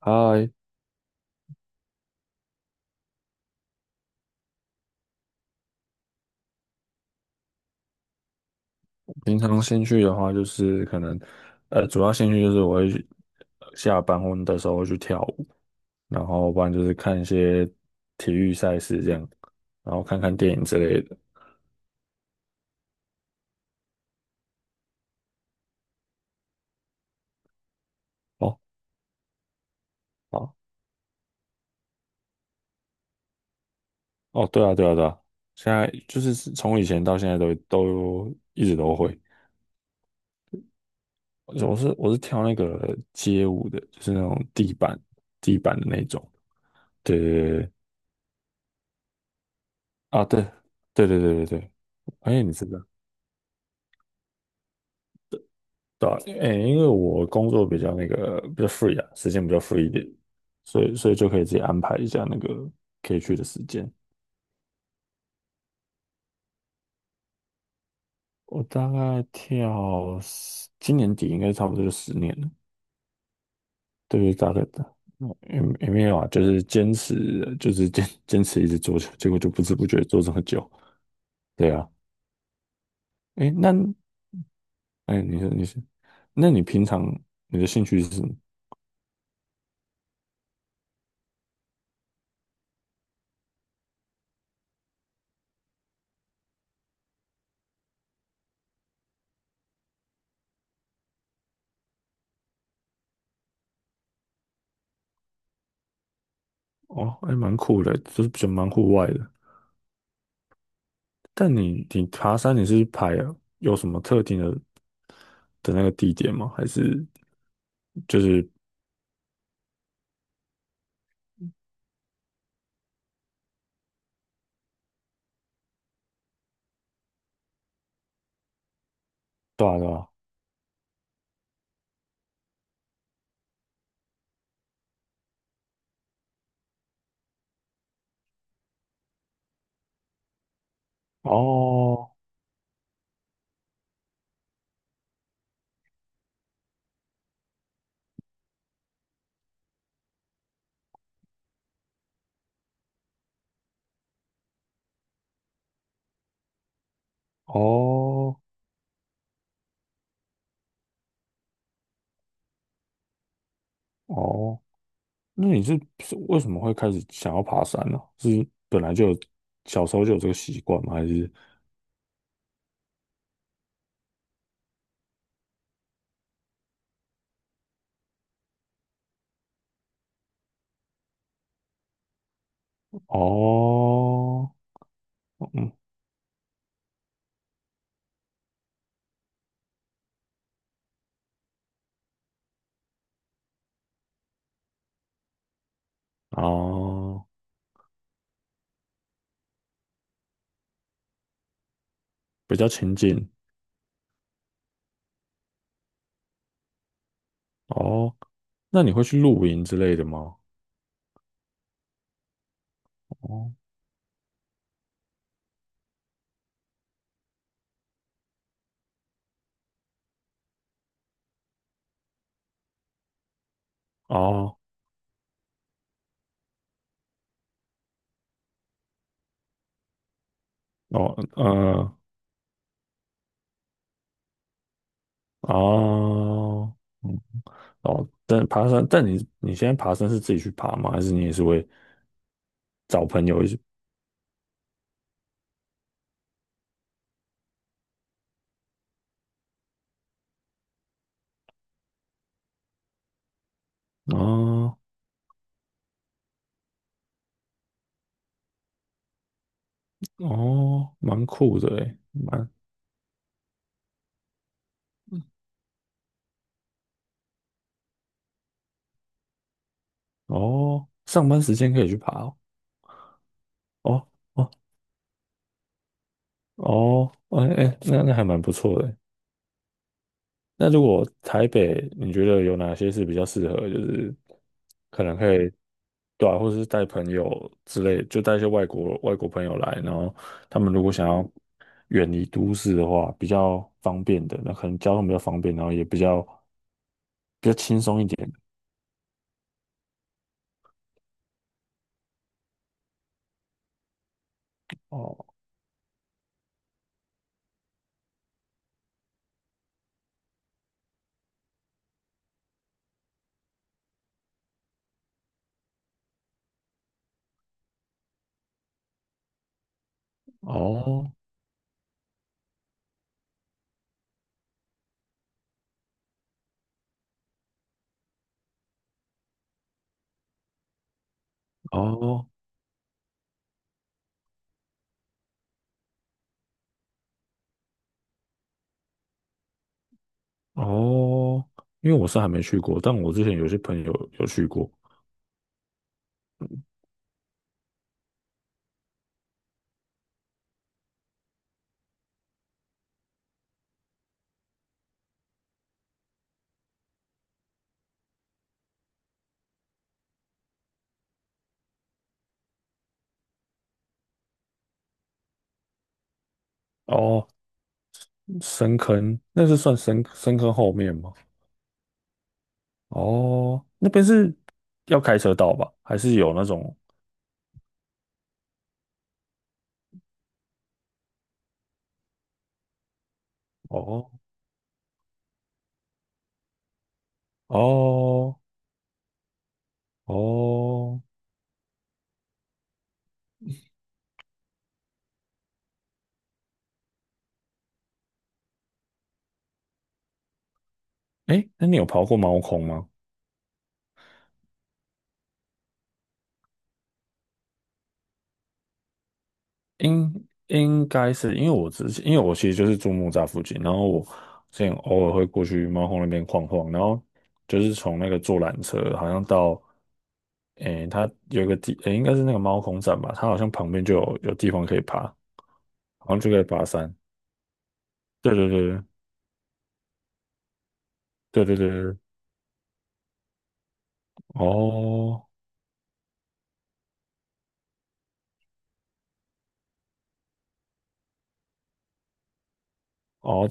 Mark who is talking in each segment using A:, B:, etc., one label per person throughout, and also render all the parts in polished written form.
A: 嗨，平常兴趣的话，就是可能，主要兴趣就是我会去下班或的时候会去跳舞，然后不然就是看一些体育赛事这样，然后看看电影之类的。哦，好，哦，对啊，对啊，对啊，现在就是从以前到现在都一直都会。我是跳那个街舞的，就是那种地板的那种。对对对对啊，对对对对对对，哎，你知道。对啊，诶，因为我工作比较那个比较 free 啊，时间比较 free 一点，所以就可以自己安排一下那个可以去的时间。我大概跳今年底应该差不多就10年了，对，大概的，也没有啊，就是坚持，就是坚持一直做，结果就不知不觉做这么久。对啊，哎，哎，你说你是，那你平常你的兴趣是什么？哦，还蛮酷的，就是比较蛮户外的。但你爬山你是排，有什么特定的那个地点吗？还是就是对啊对啊哦哦哦，那你是为什么会开始想要爬山呢、是本来就有小时候就有这个习惯吗？还是哦嗯哦比较亲近哦？那你会去露营之类的吗？哦哦哦哦。哦，但爬山，但你现在爬山是自己去爬吗？还是你也是会找朋友一起？哦哦，蛮酷的诶，蛮哦，上班时间可以去爬哦哦哦哦，哎哎，那还蛮不错的欸那如果台北，你觉得有哪些是比较适合，就是可能可以，对啊，或者是带朋友之类，就带一些外国朋友来，然后他们如果想要远离都市的话，比较方便的，那可能交通比较方便，然后也比较轻松一点。哦哦哦哦，因为我是还没去过，但我之前有些朋友有去过。哦，深坑，那是算深坑后面吗？哦，那边是要开车到吧？还是有那种？哦哦哦，哎，那你有跑过猫空吗？应该是因为我之前，因为我其实就是住木栅附近，然后我之前偶尔会过去猫空那边晃晃，然后就是从那个坐缆车，好像到诶，它有一个地，诶，应该是那个猫空站吧，它好像旁边就有地方可以爬，好像就可以爬山。对对对对对对对，对哦哦，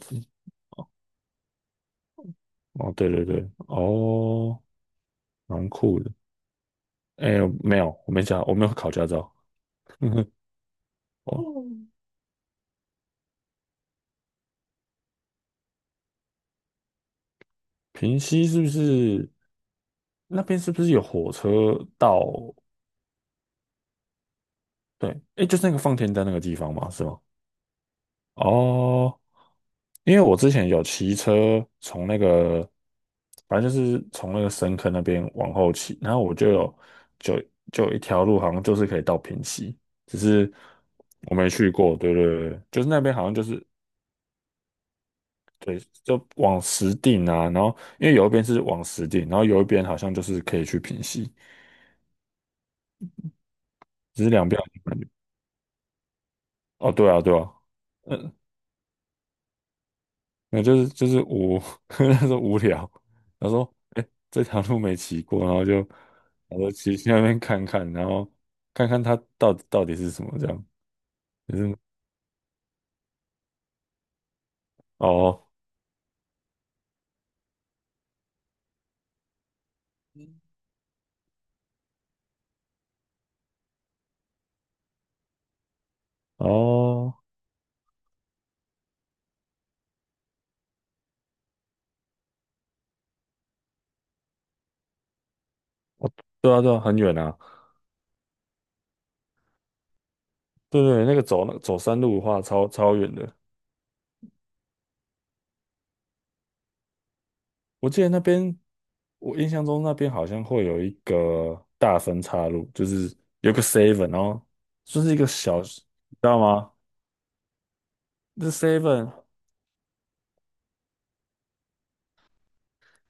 A: 哦，对对对，哦，蛮酷的。哎，没有，我没有考驾照。哦，平溪是不是那边是不是有火车到？对，哎，就是那个放天灯那个地方嘛，是吗？哦，因为我之前有骑车从那个，反正就是从那个深坑那边往后骑，然后我就就有一条路好像就是可以到平溪，只是我没去过，对对对，就是那边好像就是对，就往实定啊，然后因为有一边是往实定，然后有一边好像就是可以去平息，只是两边好像感觉哦，对啊，对啊，嗯，那就是无，那时候无聊，他说，哎，这条路没骑过，然后就，我就骑去那边看看，然后看看它到底是什么这样，就是哦哦，哦对啊对啊，很远啊，对对，那个走那走山路的话，超远的。我记得那边，我印象中那边好像会有一个大分岔路，就是有个 seven，然后就是一个小，你知道吗？那 seven，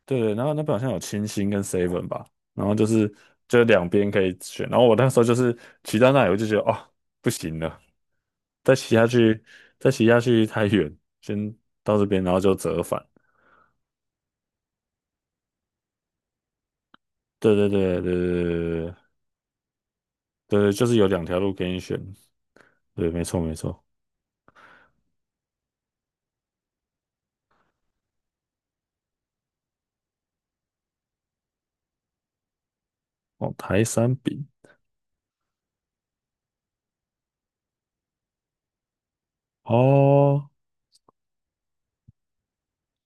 A: 对，然后那边好像有清新跟 seven 吧，然后就是两边可以选，然后我那时候就是骑到那里，我就觉得哦，不行了，再骑下去，再骑下去太远，先到这边，然后就折返。对对对对对对对对，对，就是有两条路给你选。对，没错没错。哦，台山饼。哦，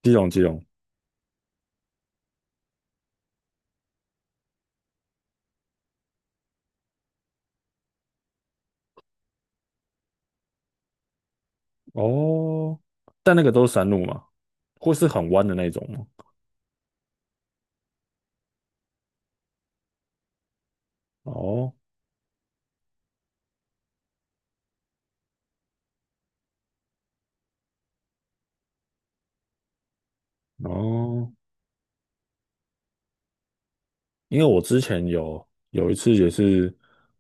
A: 基隆基隆哦，但那个都是山路嘛，或是很弯的那种吗？哦哦，因为我之前有一次也是，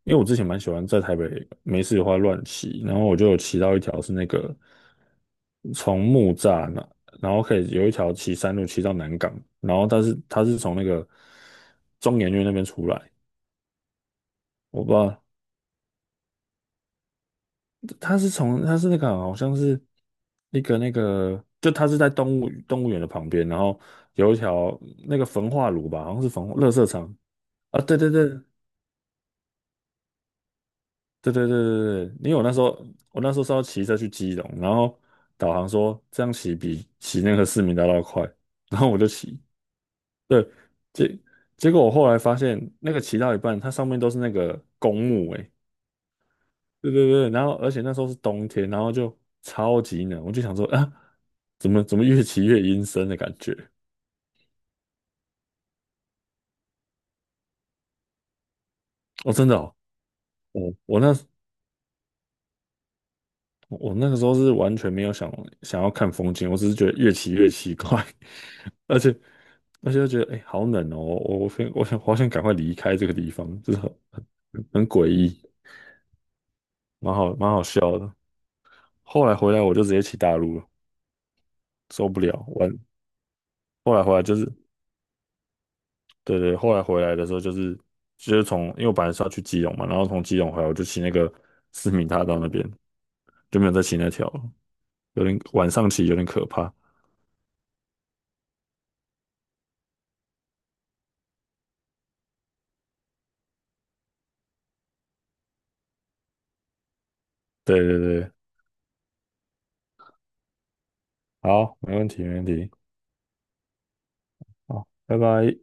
A: 因为我之前蛮喜欢在台北没事的话乱骑，然后我就有骑到一条是那个从木栅那，然后可以有一条骑山路骑到南港，然后但是它是从那个中研院那边出来，我不知道他是那个好像是一个那个，就他是在动物园的旁边，然后有一条那个焚化炉吧，好像是焚垃圾场啊，对对对对对对对对，因为我那时候是要骑车去基隆，然后导航说这样骑比骑那个市民大道快，然后我就骑，对，结果我后来发现那个骑到一半，它上面都是那个公墓、欸，对对对，然后而且那时候是冬天，然后就超级冷，我就想说啊，怎么越骑越阴森的感觉？哦，真的哦，我我那我那个时候是完全没有想要看风景，我只是觉得越骑越奇怪，而且而且就觉得哎，诶好冷哦，我我想好想赶快离开这个地方，就是很诡异，蛮好笑的。后来回来我就直接骑大陆了，受不了，完后来回来就是对对，后来回来的时候就是从，因为我本来是要去基隆嘛，然后从基隆回来我就骑那个思明大道那边，就没有再骑那条了，有点晚上骑有点可怕。对对对，好，没问题没问题，好，拜拜。